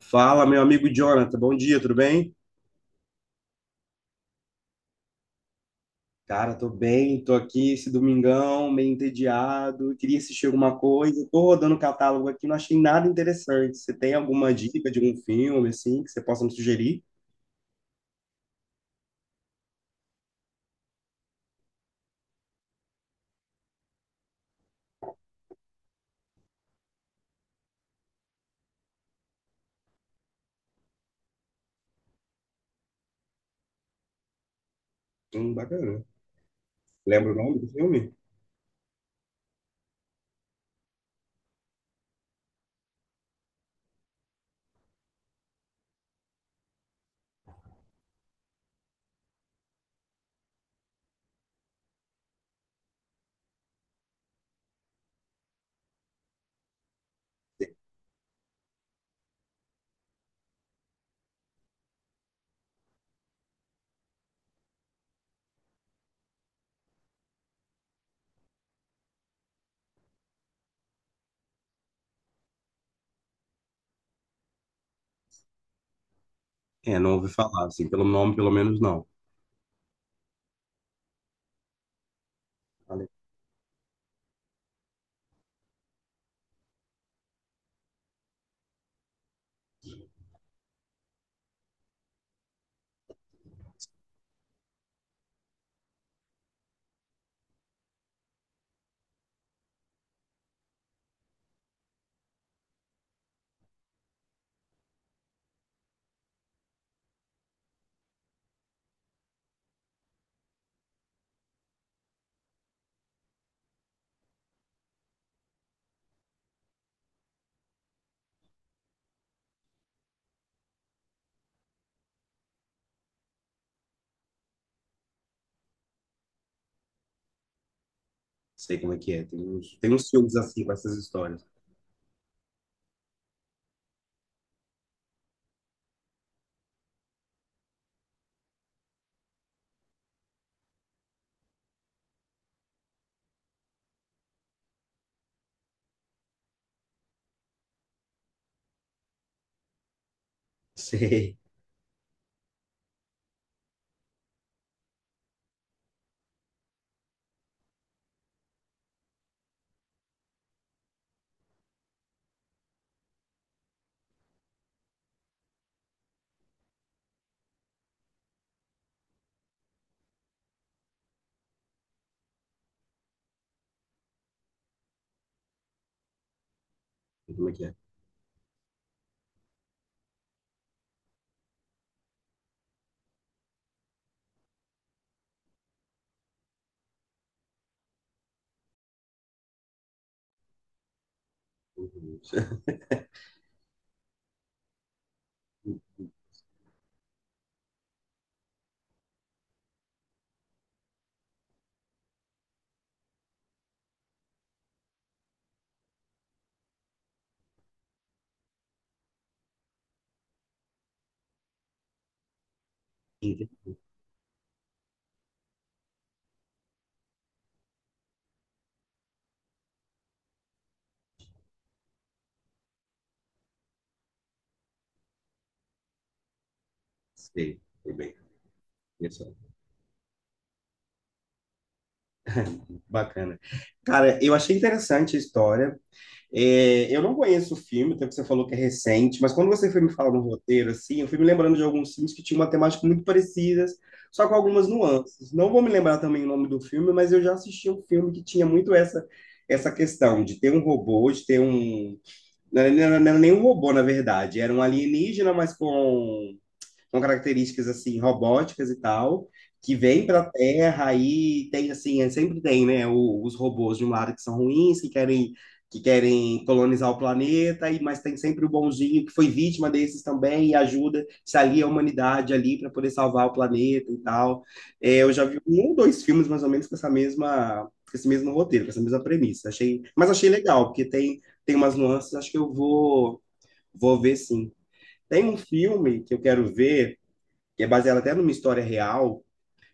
Fala, meu amigo Jonathan, bom dia, tudo bem? Cara, tô bem, tô aqui esse domingão, meio entediado, queria assistir alguma coisa, tô rodando o catálogo aqui, não achei nada interessante. Você tem alguma dica de algum filme, assim, que você possa me sugerir? Bacana. Lembra o nome do filme? É, não ouvi falar, assim, pelo nome, pelo menos não. Falei. Sei como é que é, tem uns filmes assim com essas histórias. Sei. Como é que é? Uhum. Entendi. Sei, foi bem. Isso. Bacana. Cara, eu achei interessante a história. É, eu não conheço o filme, até que você falou que é recente, mas quando você foi me falar no roteiro, assim, eu fui me lembrando de alguns filmes que tinham uma temática muito parecida, só com algumas nuances. Não vou me lembrar também o nome do filme, mas eu já assisti um filme que tinha muito essa questão de ter um robô, de ter um... Não era nem um robô, na verdade, era um alienígena, mas com características assim robóticas e tal, que vêm para a Terra e tem assim, sempre tem, né, os robôs de um lado que são ruins, que querem colonizar o planeta, e mas tem sempre o bonzinho que foi vítima desses também e ajuda, se alia à humanidade ali para poder salvar o planeta e tal. É, eu já vi um ou dois filmes mais ou menos com essa mesma com esse mesmo roteiro, com essa mesma premissa. Achei, mas achei legal, porque tem tem umas nuances, acho que eu vou ver sim. Tem um filme que eu quero ver que é baseado até numa história real,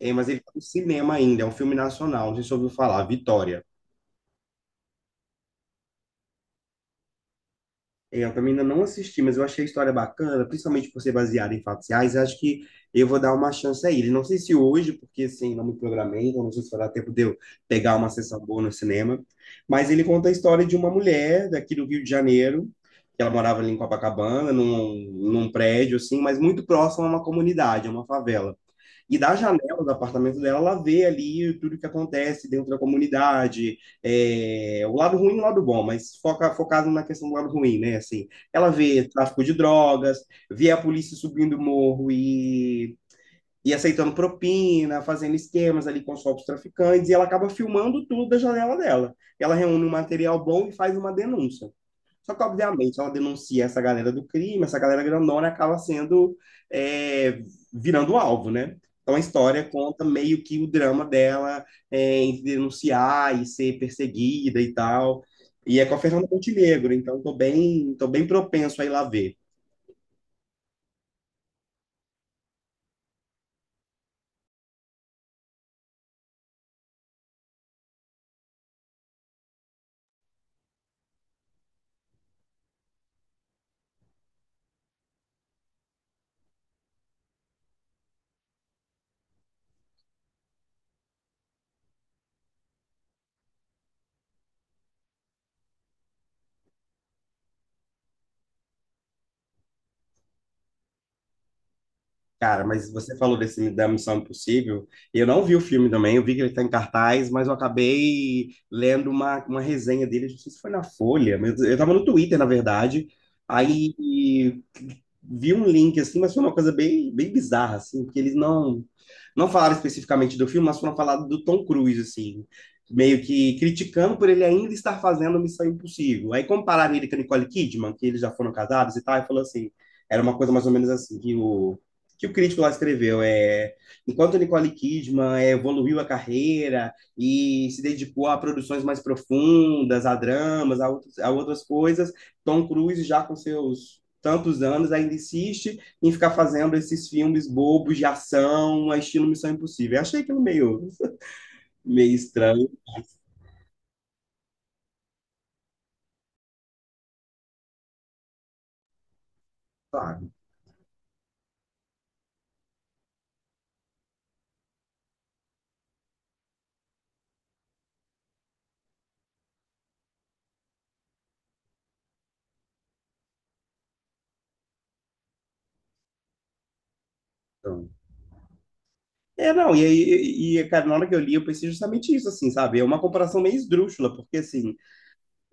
é, mas ele tá no cinema ainda, é um filme nacional, não sei se você ouviu falar, Vitória. É, eu também ainda não assisti, mas eu achei a história bacana, principalmente por ser baseada em fatos reais, acho que eu vou dar uma chance a ele. Não sei se hoje, porque assim, não me programei, então não sei se vai dar tempo de eu pegar uma sessão boa no cinema, mas ele conta a história de uma mulher daqui do Rio de Janeiro, que ela morava ali em Copacabana, num prédio, assim, mas muito próximo a uma comunidade, a uma favela. E da janela do apartamento dela, ela vê ali tudo que acontece dentro da comunidade, é, o lado ruim e o lado bom, mas focado na questão do lado ruim, né? Assim, ela vê tráfico de drogas, vê a polícia subindo o morro e aceitando propina, fazendo esquemas ali com os próprios traficantes, e ela acaba filmando tudo da janela dela. Ela reúne um material bom e faz uma denúncia. Só que, obviamente, ela denuncia essa galera do crime, essa galera grandona acaba sendo, é, virando um alvo, né? Então, a história conta meio que o drama dela é, em denunciar e ser perseguida e tal. E é com a Fernanda Montenegro, então tô bem propenso a ir lá ver. Cara, mas você falou desse da Missão Impossível, e eu não vi o filme também, eu vi que ele está em cartaz, mas eu acabei lendo uma resenha dele, não sei se foi na Folha, mas eu estava no Twitter, na verdade, aí vi um link, assim, mas foi uma coisa bem, bem bizarra, assim, porque eles não, não falaram especificamente do filme, mas foram falar do Tom Cruise, assim, meio que criticando por ele ainda estar fazendo Missão Impossível. Aí compararam ele com a Nicole Kidman, que eles já foram casados e tal, e falou assim, era uma coisa mais ou menos assim, que o crítico lá escreveu é enquanto Nicole Kidman é, evoluiu a carreira e se dedicou a produções mais profundas, a dramas, outras a outras coisas, Tom Cruise já com seus tantos anos ainda insiste em ficar fazendo esses filmes bobos de ação, estilo Missão Impossível. Eu achei aquilo meio, meio estranho, sabe? Então, é, não, cara, na hora que eu li, eu pensei justamente isso, assim, sabe? É uma comparação meio esdrúxula, porque, assim,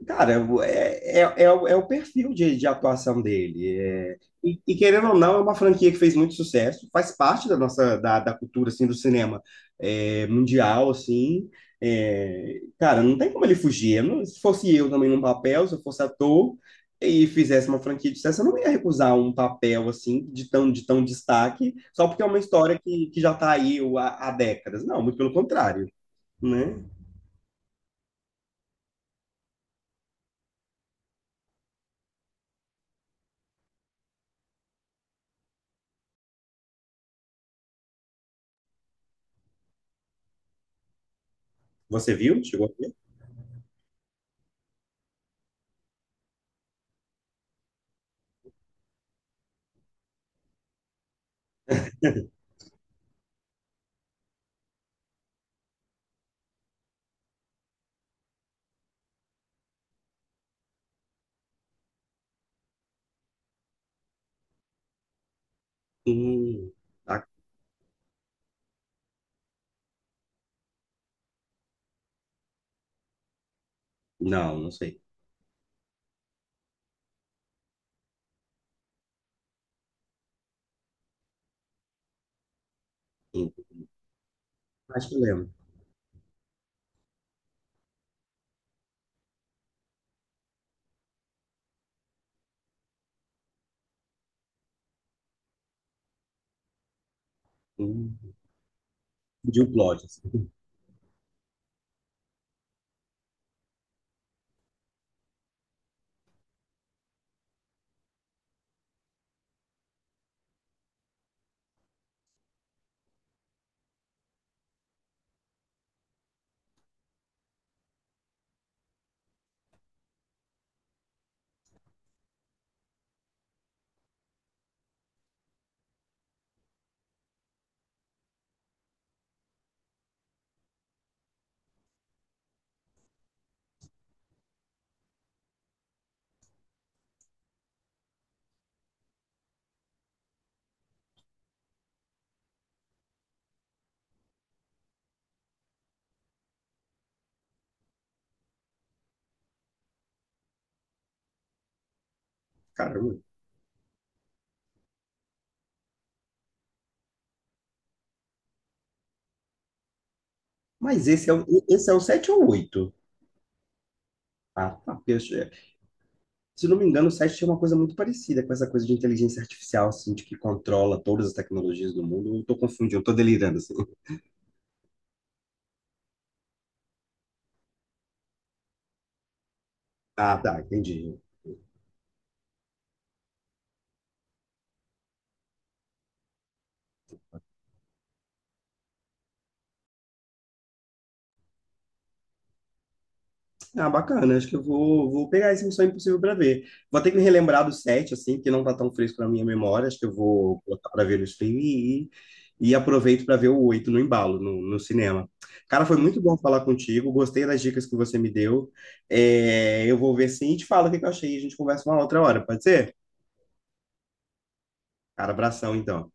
cara, é, o é o perfil de atuação dele. E, querendo ou não, é uma franquia que fez muito sucesso, faz parte da cultura assim, do cinema é, mundial, assim. É, cara, não tem como ele fugir. Eu não- Se fosse eu também num papel, se eu fosse ator e fizesse uma franquia de sucesso, eu não ia recusar um papel assim de tão destaque, só porque é uma história que já está aí há décadas. Não, muito pelo contrário, né? Você viu? Chegou a ver? Hum. Não, não sei. Hum. Acho que eu lembro. Hum. De um plot, assim. Caramba. Mas esse é, esse é o 7 ou o oito? Ah, tá. Porque se não me engano, o 7 tinha uma coisa muito parecida com essa coisa de inteligência artificial, assim, de que controla todas as tecnologias do mundo. Eu tô confundindo, eu tô delirando, assim. Ah, tá, entendi. Ah, bacana. Acho que vou pegar esse Missão Impossível para ver. Vou ter que me relembrar do set, assim, que não tá tão fresco na minha memória. Acho que eu vou colocar para ver no streaming e aproveito para ver o 8 no embalo, no cinema. Cara, foi muito bom falar contigo. Gostei das dicas que você me deu. É, eu vou ver sim e te falo o que que eu achei. A gente conversa uma outra hora, pode ser? Cara, abração então.